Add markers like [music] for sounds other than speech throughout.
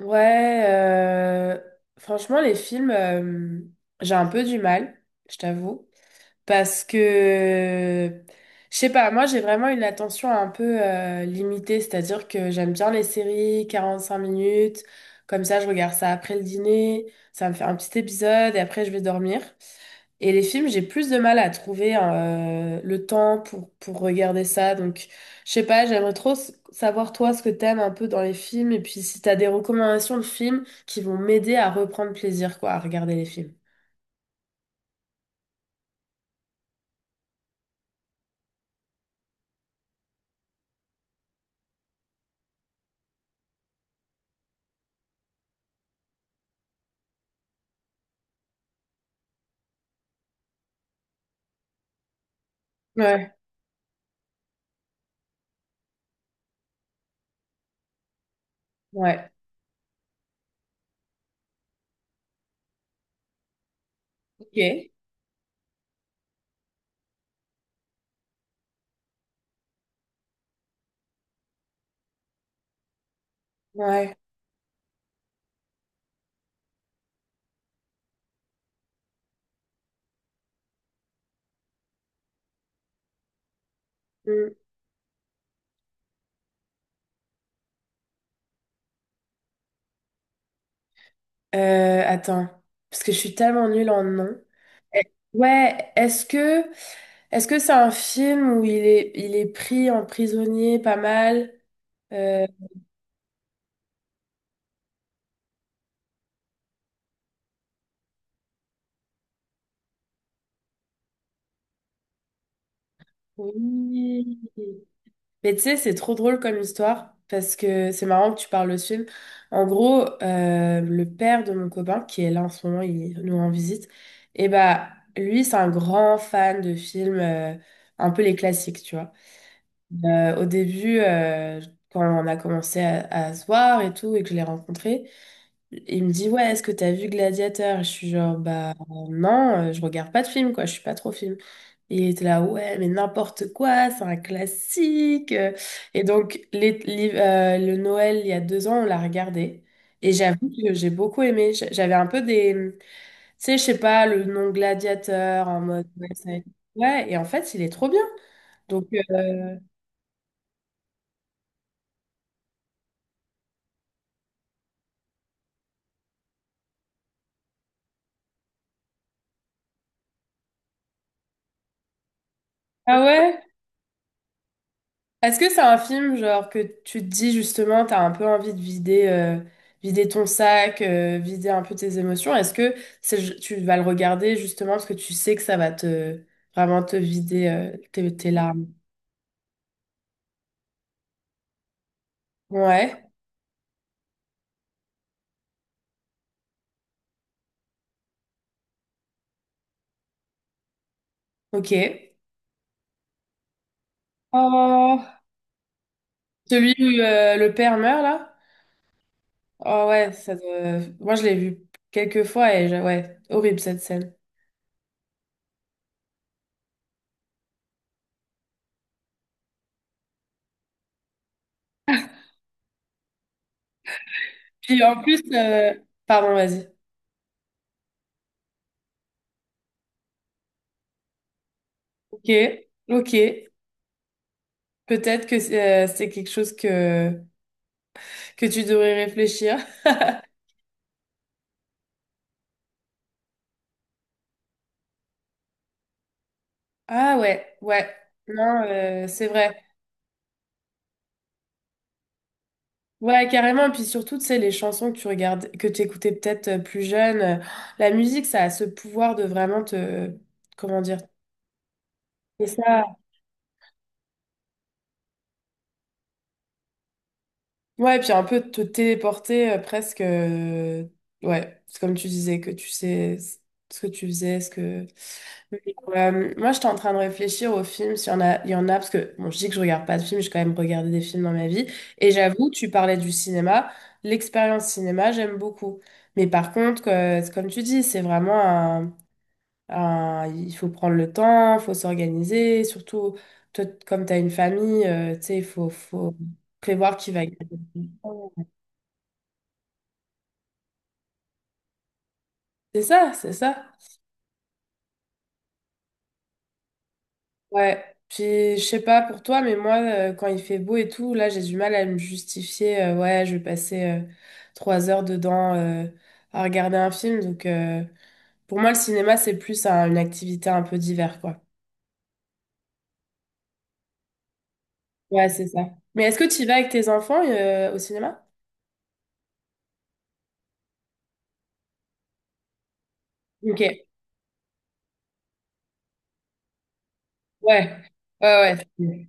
Ouais, franchement, les films, j'ai un peu du mal, je t'avoue. Parce que, je sais pas, moi j'ai vraiment une attention un peu limitée, c'est-à-dire que j'aime bien les séries, 45 minutes, comme ça je regarde ça après le dîner, ça me fait un petit épisode et après je vais dormir. Et les films, j'ai plus de mal à trouver le temps pour regarder ça. Donc, je sais pas, j'aimerais trop savoir toi ce que t'aimes un peu dans les films et puis si t'as des recommandations de films qui vont m'aider à reprendre plaisir, quoi, à regarder les films. Ouais. Ouais. Ok. Ouais. Mm. Attends, parce que je suis tellement nulle en nom. Eh, ouais, est-ce que c'est un film où il est pris en prisonnier pas mal? Euh, oui. Mais tu sais, c'est trop drôle comme histoire parce que c'est marrant que tu parles de ce film. En gros, le père de mon copain qui est là en ce moment, il nous rend visite. Et bah lui, c'est un grand fan de films, un peu les classiques, tu vois. Au début, quand on a commencé à se voir et tout, et que je l'ai rencontré, il me dit, ouais, est-ce que t'as vu Gladiateur? Je suis genre, bah non, je regarde pas de film, quoi, je suis pas trop film. Et il était là, ouais, mais n'importe quoi, c'est un classique. Et donc, le Noël, il y a 2 ans, on l'a regardé. Et j'avoue que j'ai beaucoup aimé. J'avais un peu des, tu sais, je sais pas, le nom Gladiateur en mode, ouais, ouais, et en fait, il est trop bien. Donc, ah ouais? Est-ce que c'est un film genre que tu te dis justement, t'as un peu envie de vider, vider ton sac, vider un peu tes émotions? Est-ce que tu vas le regarder justement parce que tu sais que ça va te vraiment te vider, tes, tes larmes? Ouais, ok. Oh, celui où le père meurt là? Oh ouais, moi je l'ai vu quelques fois et ouais, horrible cette scène. Puis en plus, pardon, vas-y. Ok, ok. Peut-être que c'est quelque chose que tu devrais réfléchir. Ah ouais, ouais. Non, c'est vrai. Ouais, carrément. Puis surtout, tu sais, les chansons que tu regardes, que tu écoutais peut-être plus jeune, la musique, ça a ce pouvoir de vraiment te, comment dire, et ça. Ouais, puis un peu te téléporter presque. Ouais, c'est comme tu disais, que tu sais ce que tu faisais, ce que. Mais, moi, j'étais en train de réfléchir aux films, s'il y en a, il y en a, parce que bon, je dis que je regarde pas de films, j'ai quand même regardé des films dans ma vie. Et j'avoue, tu parlais du cinéma, l'expérience cinéma, j'aime beaucoup. Mais par contre, c'est comme tu dis, c'est vraiment il faut prendre le temps, il faut s'organiser. Surtout, toi, comme tu as une famille, tu sais, faut prévoir qui va gagner. C'est ça, c'est ça. Ouais. Puis, je sais pas pour toi, mais moi, quand il fait beau et tout, là, j'ai du mal à me justifier. Ouais, je vais passer 3 heures dedans à regarder un film. Donc, pour moi, le cinéma, c'est plus une activité un peu d'hiver, quoi. Ouais, c'est ça. Mais est-ce que tu y vas avec tes enfants au cinéma? Ok. Ouais. Ouais, ouais.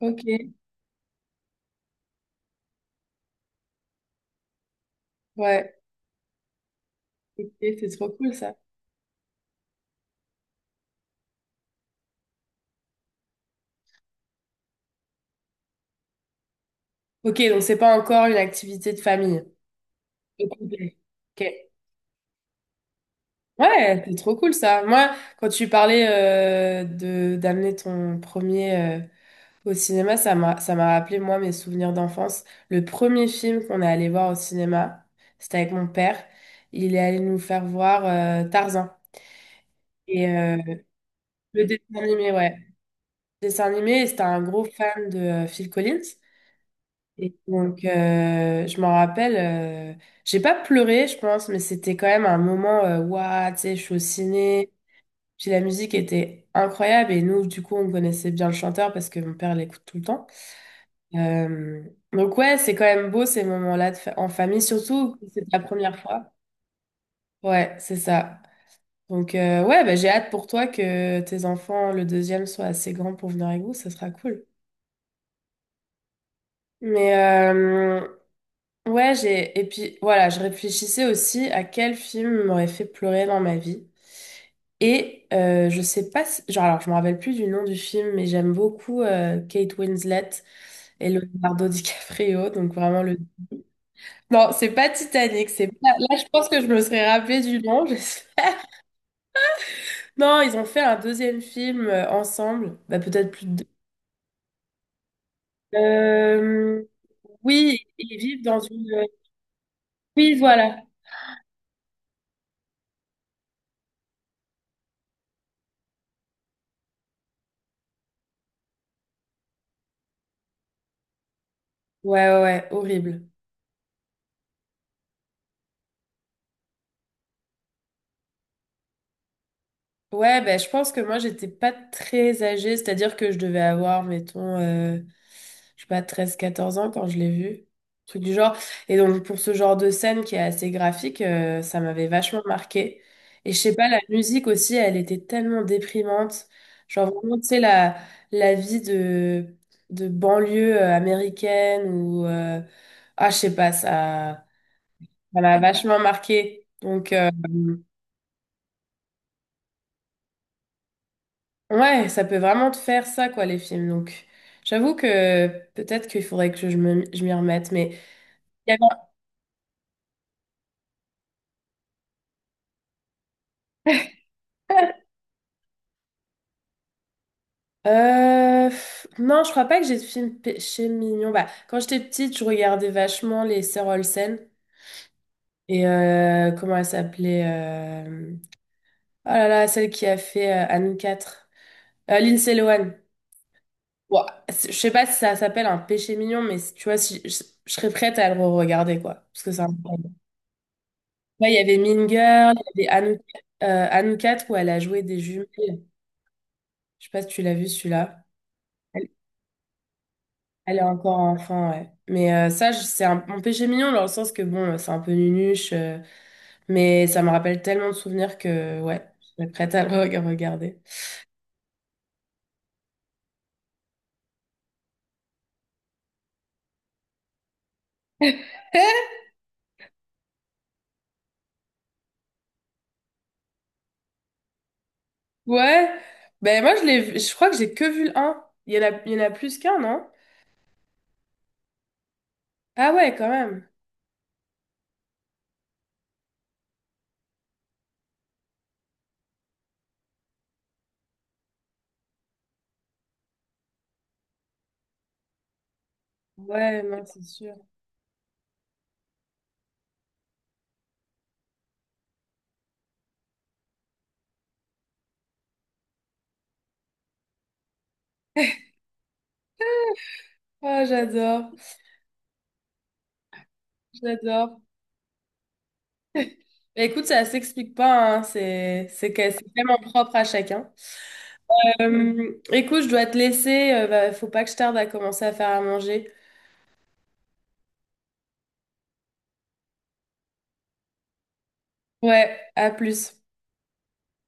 Ok, ouais, ok, c'est trop cool ça. Ok, donc c'est pas encore une activité de famille. Ok, ok. Ouais, c'est trop cool ça. Moi, quand tu parlais de d'amener ton premier au cinéma, ça m'a rappelé moi mes souvenirs d'enfance. Le premier film qu'on est allé voir au cinéma, c'était avec mon père. Il est allé nous faire voir Tarzan et le dessin animé, ouais. Le dessin animé, et c'était un gros fan de Phil Collins. Et donc, je m'en rappelle, j'ai pas pleuré, je pense, mais c'était quand même un moment, waouh, tu sais, je suis au ciné. Puis la musique était incroyable et nous, du coup, on connaissait bien le chanteur parce que mon père l'écoute tout le temps. Euh, donc, ouais, c'est quand même beau ces moments-là de en famille, surtout que c'est la première fois. Ouais, c'est ça. Donc, ouais, bah, j'ai hâte pour toi que tes enfants, le deuxième, soient assez grands pour venir avec vous, ça sera cool. Mais ouais, j'ai et puis voilà, je réfléchissais aussi à quel film m'aurait fait pleurer dans ma vie. Et je sais pas genre alors je me rappelle plus du nom du film mais j'aime beaucoup Kate Winslet et Leonardo [laughs] DiCaprio donc vraiment le non, c'est pas Titanic, c'est pas là je pense que je me serais rappelé du nom. Je non, ils ont fait un deuxième film ensemble, bah peut-être plus de deux. Euh, oui, ils vivent dans une oui, voilà. Ouais ouais, horrible. Ouais, ben, je pense que moi, j'étais pas très âgée, c'est-à-dire que je devais avoir, mettons, je sais pas, 13 14 ans quand je l'ai vu, truc du genre. Et donc, pour ce genre de scène qui est assez graphique, ça m'avait vachement marqué. Et je sais pas, la musique aussi, elle était tellement déprimante. Genre, vraiment, tu sais, la vie de banlieue américaine ou... ah, je sais pas, ça m'a vachement marqué. Ouais, ça peut vraiment te faire ça, quoi, les films. Donc, j'avoue que peut-être qu'il faudrait que je me, je m'y remette. Mais il y avait pff, non, je crois pas que j'ai de films péché mignon. Bah, quand j'étais petite, je regardais vachement les Sœurs Olsen et comment elle s'appelait euh, oh là là, celle qui a fait Anne 4, Lindsay Lohan. Ouah, je sais pas si ça s'appelle un péché mignon, mais si- tu vois, si, je serais prête à le re-regarder, quoi. Parce que ça. Ouais, il y avait Mean Girl, il y avait Anoukat où elle a joué des jumelles. Je sais pas si tu l'as vu celui-là. Elle, elle est encore enfant, ouais. Mais ça, c'est un, mon péché mignon dans le sens que bon, c'est un peu nunuche, mais ça me rappelle tellement de souvenirs que ouais, je serais prête à le regarder. [laughs] Ouais, ben moi je l'ai, je crois que j'ai que vu le un. Il y en a, il y en a plus qu'un, non? Ah ouais, quand même. Ouais, non, c'est sûr. Ah, j'adore, j'adore. [laughs] Bah, écoute, ça s'explique pas, hein. C'est vraiment propre à chacun. Écoute, je dois te laisser. Bah, faut pas que je tarde à commencer à faire à manger. Ouais, à plus.